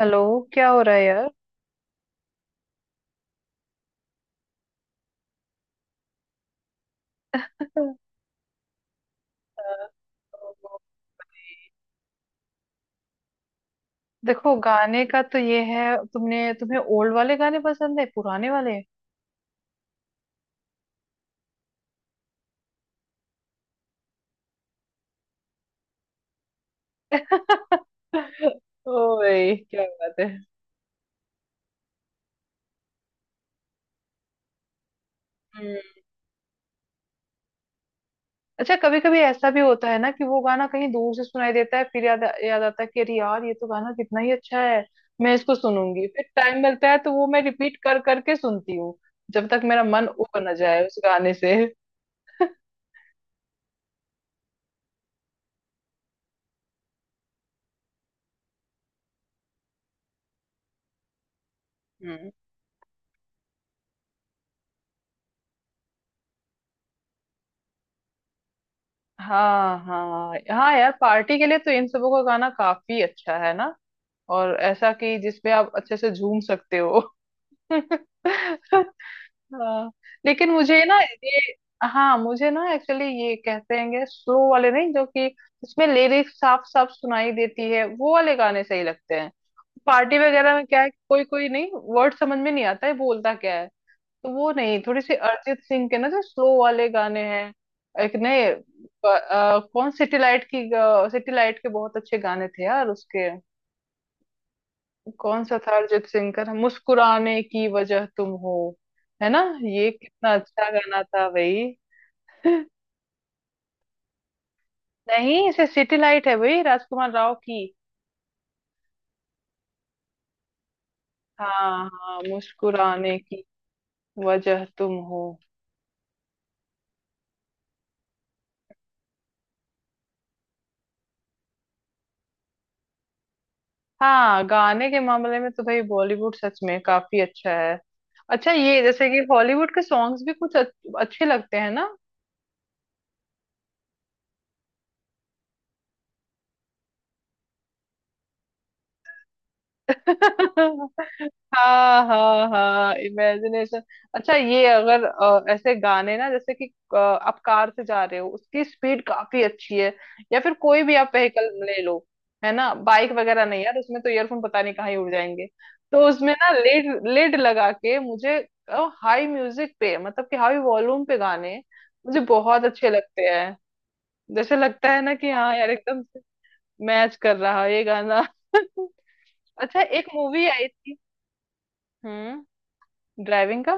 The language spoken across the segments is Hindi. हेलो। क्या हो रहा है यार। तो देखो गाने का तो ये है तुमने तुम्हें ओल्ड वाले गाने पसंद है पुराने वाले। ओ भाई क्या बात है। हम्म। अच्छा कभी कभी ऐसा भी होता है ना कि वो गाना कहीं दूर से सुनाई देता है फिर याद याद आता है कि अरे यार ये तो गाना कितना ही अच्छा है। मैं इसको सुनूंगी, फिर टाइम मिलता है तो वो मैं रिपीट कर करके सुनती हूँ, जब तक मेरा मन उब न जाए उस गाने से। हम्म। हाँ हाँ हाँ यार, पार्टी के लिए तो इन सबों का गाना काफी अच्छा है ना, और ऐसा कि जिसपे आप अच्छे से झूम सकते हो। हाँ, लेकिन मुझे ना ये हाँ मुझे ना एक्चुअली ये कहते हैं स्लो वाले, नहीं जो कि जिसमें लिरिक्स साफ साफ सुनाई देती है वो वाले गाने सही लगते हैं। पार्टी वगैरह में क्या है, कोई कोई नहीं वर्ड समझ में नहीं आता है बोलता क्या है। तो वो नहीं, थोड़ी सी अरिजीत सिंह के ना जो स्लो वाले गाने हैं, एक नए कौन सिटीलाइट की, सिटीलाइट के बहुत अच्छे गाने थे यार उसके। कौन सा था अरिजीत सिंह का, मुस्कुराने की वजह तुम हो, है ना। ये कितना अच्छा गाना था भाई। नहीं इसे सिटीलाइट है भाई, राजकुमार राव की। हाँ हाँ, मुस्कुराने की वजह तुम हो। हाँ गाने के मामले में तो भाई बॉलीवुड सच में काफी अच्छा है। अच्छा ये जैसे कि हॉलीवुड के सॉन्ग्स भी कुछ अच्छे लगते हैं ना। हाँ हाँ हाँ, इमेजिनेशन। अच्छा ये अगर ऐसे गाने ना, जैसे कि आप कार से जा रहे हो उसकी स्पीड काफी अच्छी है, या फिर कोई भी आप व्हीकल ले लो, है ना। बाइक वगैरह नहीं यार, उसमें तो ईयरफोन पता नहीं कहाँ ही उड़ जाएंगे। तो उसमें ना लेड लेड लगा के मुझे हाई म्यूजिक पे, मतलब कि हाई वॉल्यूम पे गाने मुझे बहुत अच्छे लगते हैं। जैसे लगता है ना कि हाँ यार एकदम मैच कर रहा है ये गाना। अच्छा एक मूवी आई थी। हम्म। ड्राइविंग का।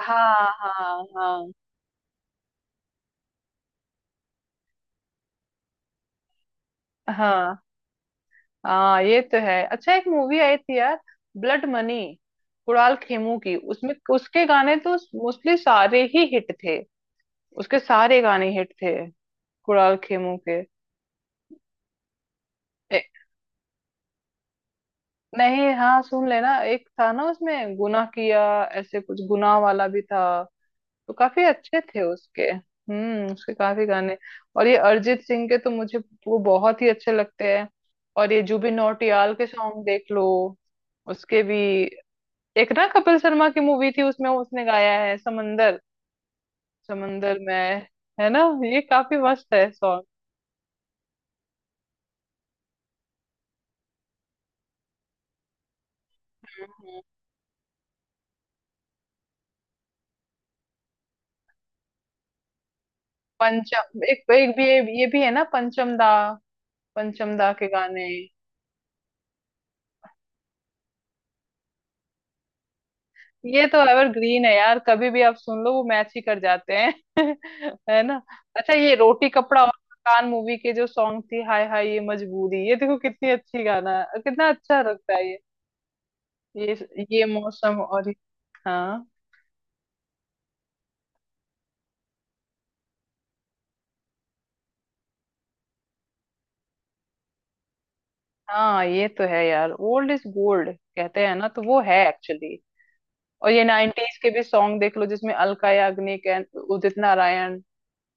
हाँ हाँ हाँ हाँ हाँ, ये तो है। अच्छा एक मूवी आई थी यार, ब्लड मनी, कुणाल खेमू की, उसमें उसके गाने तो मोस्टली सारे ही हिट थे। उसके सारे गाने हिट थे, कुणाल खेमू के। ए, नहीं हाँ सुन लेना, एक था ना उसमें गुनाह किया, ऐसे कुछ गुनाह वाला भी था। तो काफी अच्छे थे उसके। हम्म, उसके काफी गाने। और ये अरिजीत सिंह के तो मुझे वो बहुत ही अच्छे लगते हैं। और ये जुबिन नौटियाल के सॉन्ग देख लो, उसके भी। एक ना कपिल शर्मा की मूवी थी, उसमें उसने गाया है, समंदर, समंदर में, है ना। ये काफी मस्त है सॉन्ग। पंचम एक एक भी ये भी है ना, पंचम दा, पंचम दा के गाने। ये तो एवरग्रीन है यार, कभी भी आप सुन लो वो मैच ही कर जाते हैं। है ना। अच्छा ये रोटी कपड़ा और मकान मूवी के जो सॉन्ग थी, हाय हाय ये मजबूरी, ये देखो कितनी अच्छी गाना है, कितना अच्छा लगता है ये। ये मौसम, हाँ हाँ, ये तो है यार, ओल्ड इज गोल्ड कहते हैं ना, तो वो है एक्चुअली। और ये नाइनटीज के भी सॉन्ग देख लो, जिसमें अलका याग्निक एंड उदित नारायण,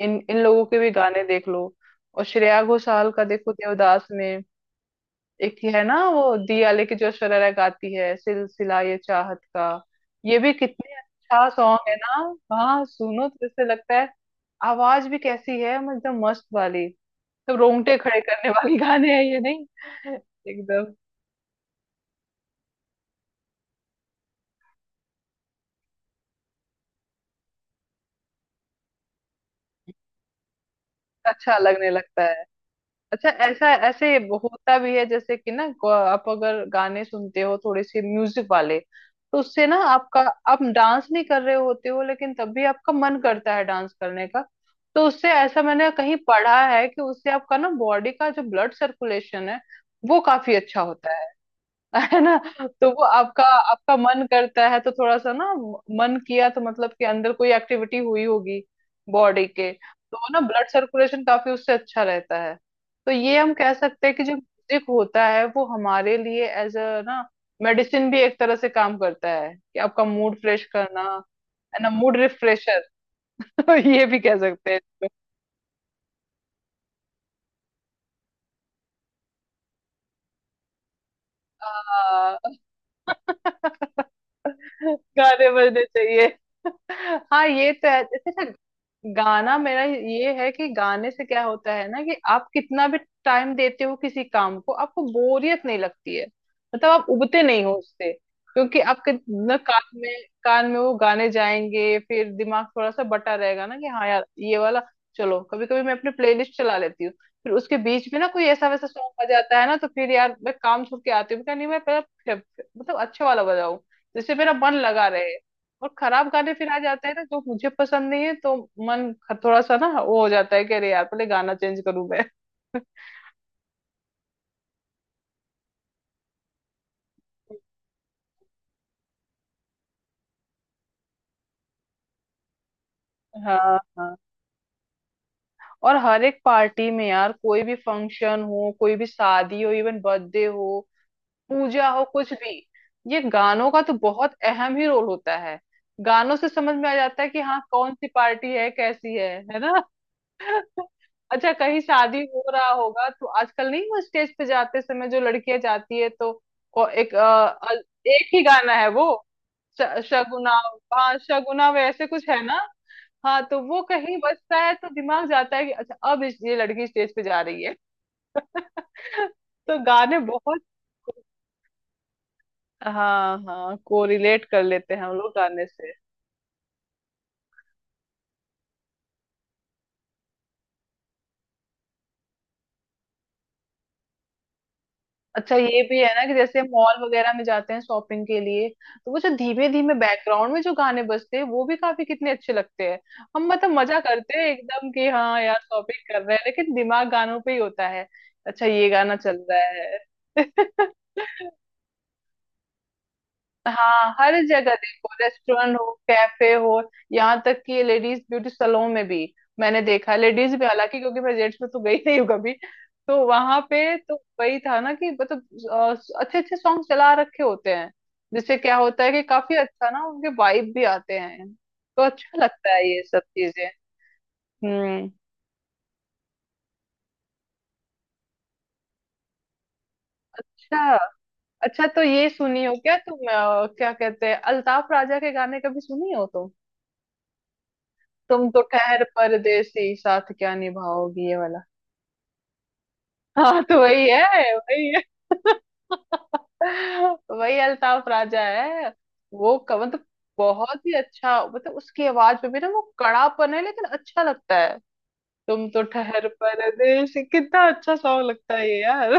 इन इन लोगों के भी गाने देख लो। और श्रेया घोषाल का देखो, देवदास में एक ये है ना वो दियाले की जो शरारा गाती है, सिलसिला ये चाहत का, ये भी कितने अच्छा सॉन्ग है ना। हाँ सुनो तो जैसे लगता है, आवाज भी कैसी है, मतलब एकदम मस्त वाली, तो रोंगटे खड़े करने वाली गाने हैं ये नहीं, एकदम। अच्छा लगने लगता है। अच्छा ऐसा ऐसे होता भी है जैसे कि ना, आप अगर गाने सुनते हो थोड़े से म्यूजिक वाले, तो उससे ना आपका, आप डांस नहीं कर रहे होते हो लेकिन तब भी आपका मन करता है डांस करने का। तो उससे ऐसा मैंने कहीं पढ़ा है कि उससे आपका ना बॉडी का जो ब्लड सर्कुलेशन है वो काफी अच्छा होता है। है ना। तो वो आपका, आपका मन करता है तो थोड़ा सा ना मन किया तो मतलब कि अंदर कोई एक्टिविटी हुई होगी बॉडी के, तो वो ना ब्लड सर्कुलेशन काफी उससे अच्छा रहता है। तो ये हम कह सकते हैं कि जो म्यूजिक होता है वो हमारे लिए एज अ ना मेडिसिन भी एक तरह से काम करता है, कि आपका मूड फ्रेश करना, है ना, मूड रिफ्रेशर। तो ये भी कह सकते हैं इसको। गाने बजने चाहिए। हाँ ये तो है जैसे ना, गाना मेरा ये है कि गाने से क्या होता है ना कि आप कितना भी टाइम देते हो किसी काम को, आपको बोरियत नहीं लगती है, मतलब आप उबते नहीं हो उससे, क्योंकि आपके ना कान में वो गाने जाएंगे फिर दिमाग थोड़ा सा बटा रहेगा ना, कि हाँ यार ये वाला। चलो कभी कभी मैं अपने प्लेलिस्ट चला लेती हूँ, फिर उसके बीच में ना कोई ऐसा वैसा सॉन्ग आ जाता है ना, तो फिर यार मैं काम छोड़ के आती हूँ, मैं कहा, नहीं मैं पहले, मतलब अच्छा वाला बजाओ, जिससे मेरा मन लगा रहे। और खराब गाने फिर आ जाते हैं ना जो मुझे पसंद नहीं है, तो मन थोड़ा सा ना वो हो जाता है कि अरे यार पहले गाना चेंज करूं मैं। हाँ हाँ। और हर एक पार्टी में यार, कोई भी फंक्शन हो, कोई भी शादी हो, इवन बर्थडे हो, पूजा हो, कुछ भी, ये गानों का तो बहुत अहम ही रोल होता है। गानों से समझ में आ जाता है कि हाँ कौन सी पार्टी है, कैसी है ना। अच्छा कहीं शादी हो रहा होगा तो आजकल नहीं वो स्टेज पे जाते समय जो लड़कियां जाती है, तो को- एक अ, अ- एक ही गाना है वो, शगुना, हाँ शगुना वे ऐसे कुछ है ना। हाँ तो वो कहीं बजता है तो दिमाग जाता है कि अच्छा अब ये लड़की स्टेज पे जा रही है। तो गाने बहुत, हाँ हाँ, कोरिलेट कर लेते हैं हम लोग गाने से। अच्छा ये भी है ना कि जैसे मॉल वगैरह में जाते हैं शॉपिंग के लिए, तो वो जो धीमे धीमे बैकग्राउंड में जो गाने बजते हैं वो भी काफी कितने अच्छे लगते हैं। हम मतलब मजा करते हैं एकदम कि हाँ यार शॉपिंग कर रहे हैं लेकिन दिमाग गानों पे ही होता है। अच्छा ये गाना चल रहा है। हाँ हर जगह देखो, रेस्टोरेंट हो, कैफे हो, यहाँ तक कि लेडीज ब्यूटी सैलून में भी, मैंने देखा, लेडीज भी, हालांकि क्योंकि मैं जेंट्स में तो गई नहीं हूँ कभी, तो वहां पे तो वही था ना कि मतलब अच्छे अच्छे सॉन्ग चला रखे होते हैं, जिससे क्या होता है कि काफी अच्छा ना उनके वाइब भी आते हैं तो अच्छा लगता है ये सब चीजें। हम्म। अच्छा, अच्छा तो ये सुनी हो क्या तुम, क्या कहते हैं, अल्ताफ राजा के गाने कभी सुनी हो। तुम तो खैर परदेसी साथ क्या निभाओगी, ये वाला। हाँ तो वही है, वही है, वही अल्ताफ राजा है। वो मतलब बहुत ही अच्छा, मतलब उसकी आवाज में भी ना वो कड़ापन है लेकिन अच्छा लगता है। तुम तो ठहर परदेसी, कितना अच्छा सॉन्ग लगता है ये यार।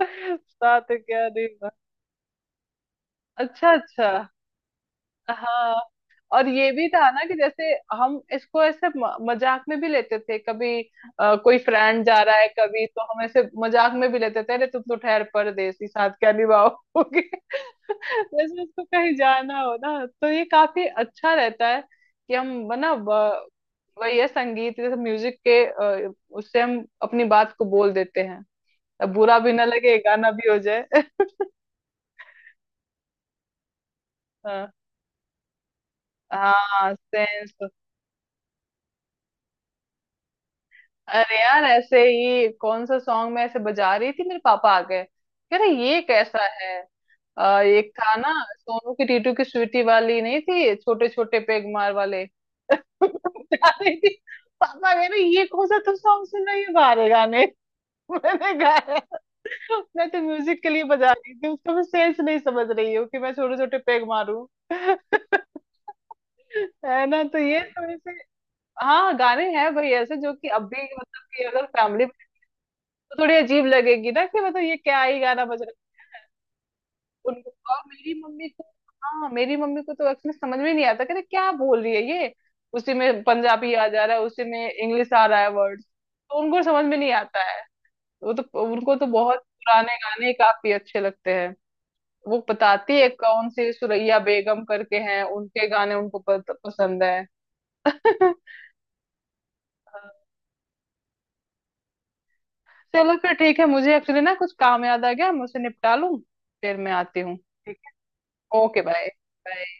साथ क्या निभा, अच्छा अच्छा। हाँ और ये भी था ना कि जैसे, हम इसको ऐसे मजाक में भी लेते थे कभी, कोई फ्रेंड जा रहा है कभी तो हम ऐसे मजाक में भी लेते थे, अरे तुम तो ठहर परदेसी साथ क्या निभाओगे, जैसे उसको कहीं जाना हो ना तो ये काफी अच्छा रहता है कि हम ना ब- वही है संगीत, जैसे म्यूजिक के अ, उससे हम अपनी बात को बोल देते हैं, अब बुरा भी ना लगे गाना भी हो जाए। हाँ हाँ, सेंस। अरे यार ऐसे ही कौन सा सॉन्ग मैं ऐसे बजा रही थी, मेरे पापा आ गए, कह रहे ये कैसा है, एक था ना सोनू की टीटू की स्वीटी वाली, नहीं थी, छोटे छोटे पेग मार वाले बजा रही थी। पापा कह रहे ये कौन सा तुम सॉन्ग सुन रही हो बाहर, गाने। मैंने गाया मैं तो म्यूजिक के लिए बजा रही थी, उसका मैं सेंस नहीं समझ रही हूँ कि मैं छोटे छोटे पेग मारूं। है ना, तो ये थोड़े से हाँ गाने हैं भाई ऐसे, जो कि अब भी मतलब कि अगर फैमिली, तो थोड़ी अजीब लगेगी ना कि मतलब ये क्या ही गाना बज रहा है उनको, और मेरी मम्मी को, हाँ मेरी मम्मी को तो एक्चुअली समझ में नहीं आता कि क्या बोल रही है ये, उसी में पंजाबी आ जा रहा है, उसी में इंग्लिश आ रहा है, वर्ड तो उनको समझ में नहीं आता है। वो तो उनको तो बहुत पुराने गाने काफी अच्छे लगते हैं। वो बताती है कौन सी सुरैया बेगम करके हैं, उनके गाने उनको पसंद है। चलो फिर ठीक है, मुझे एक्चुअली ना कुछ काम याद आ गया, मैं उसे निपटा लूं, फिर मैं आती हूँ, ठीक है। Okay bye. बाय।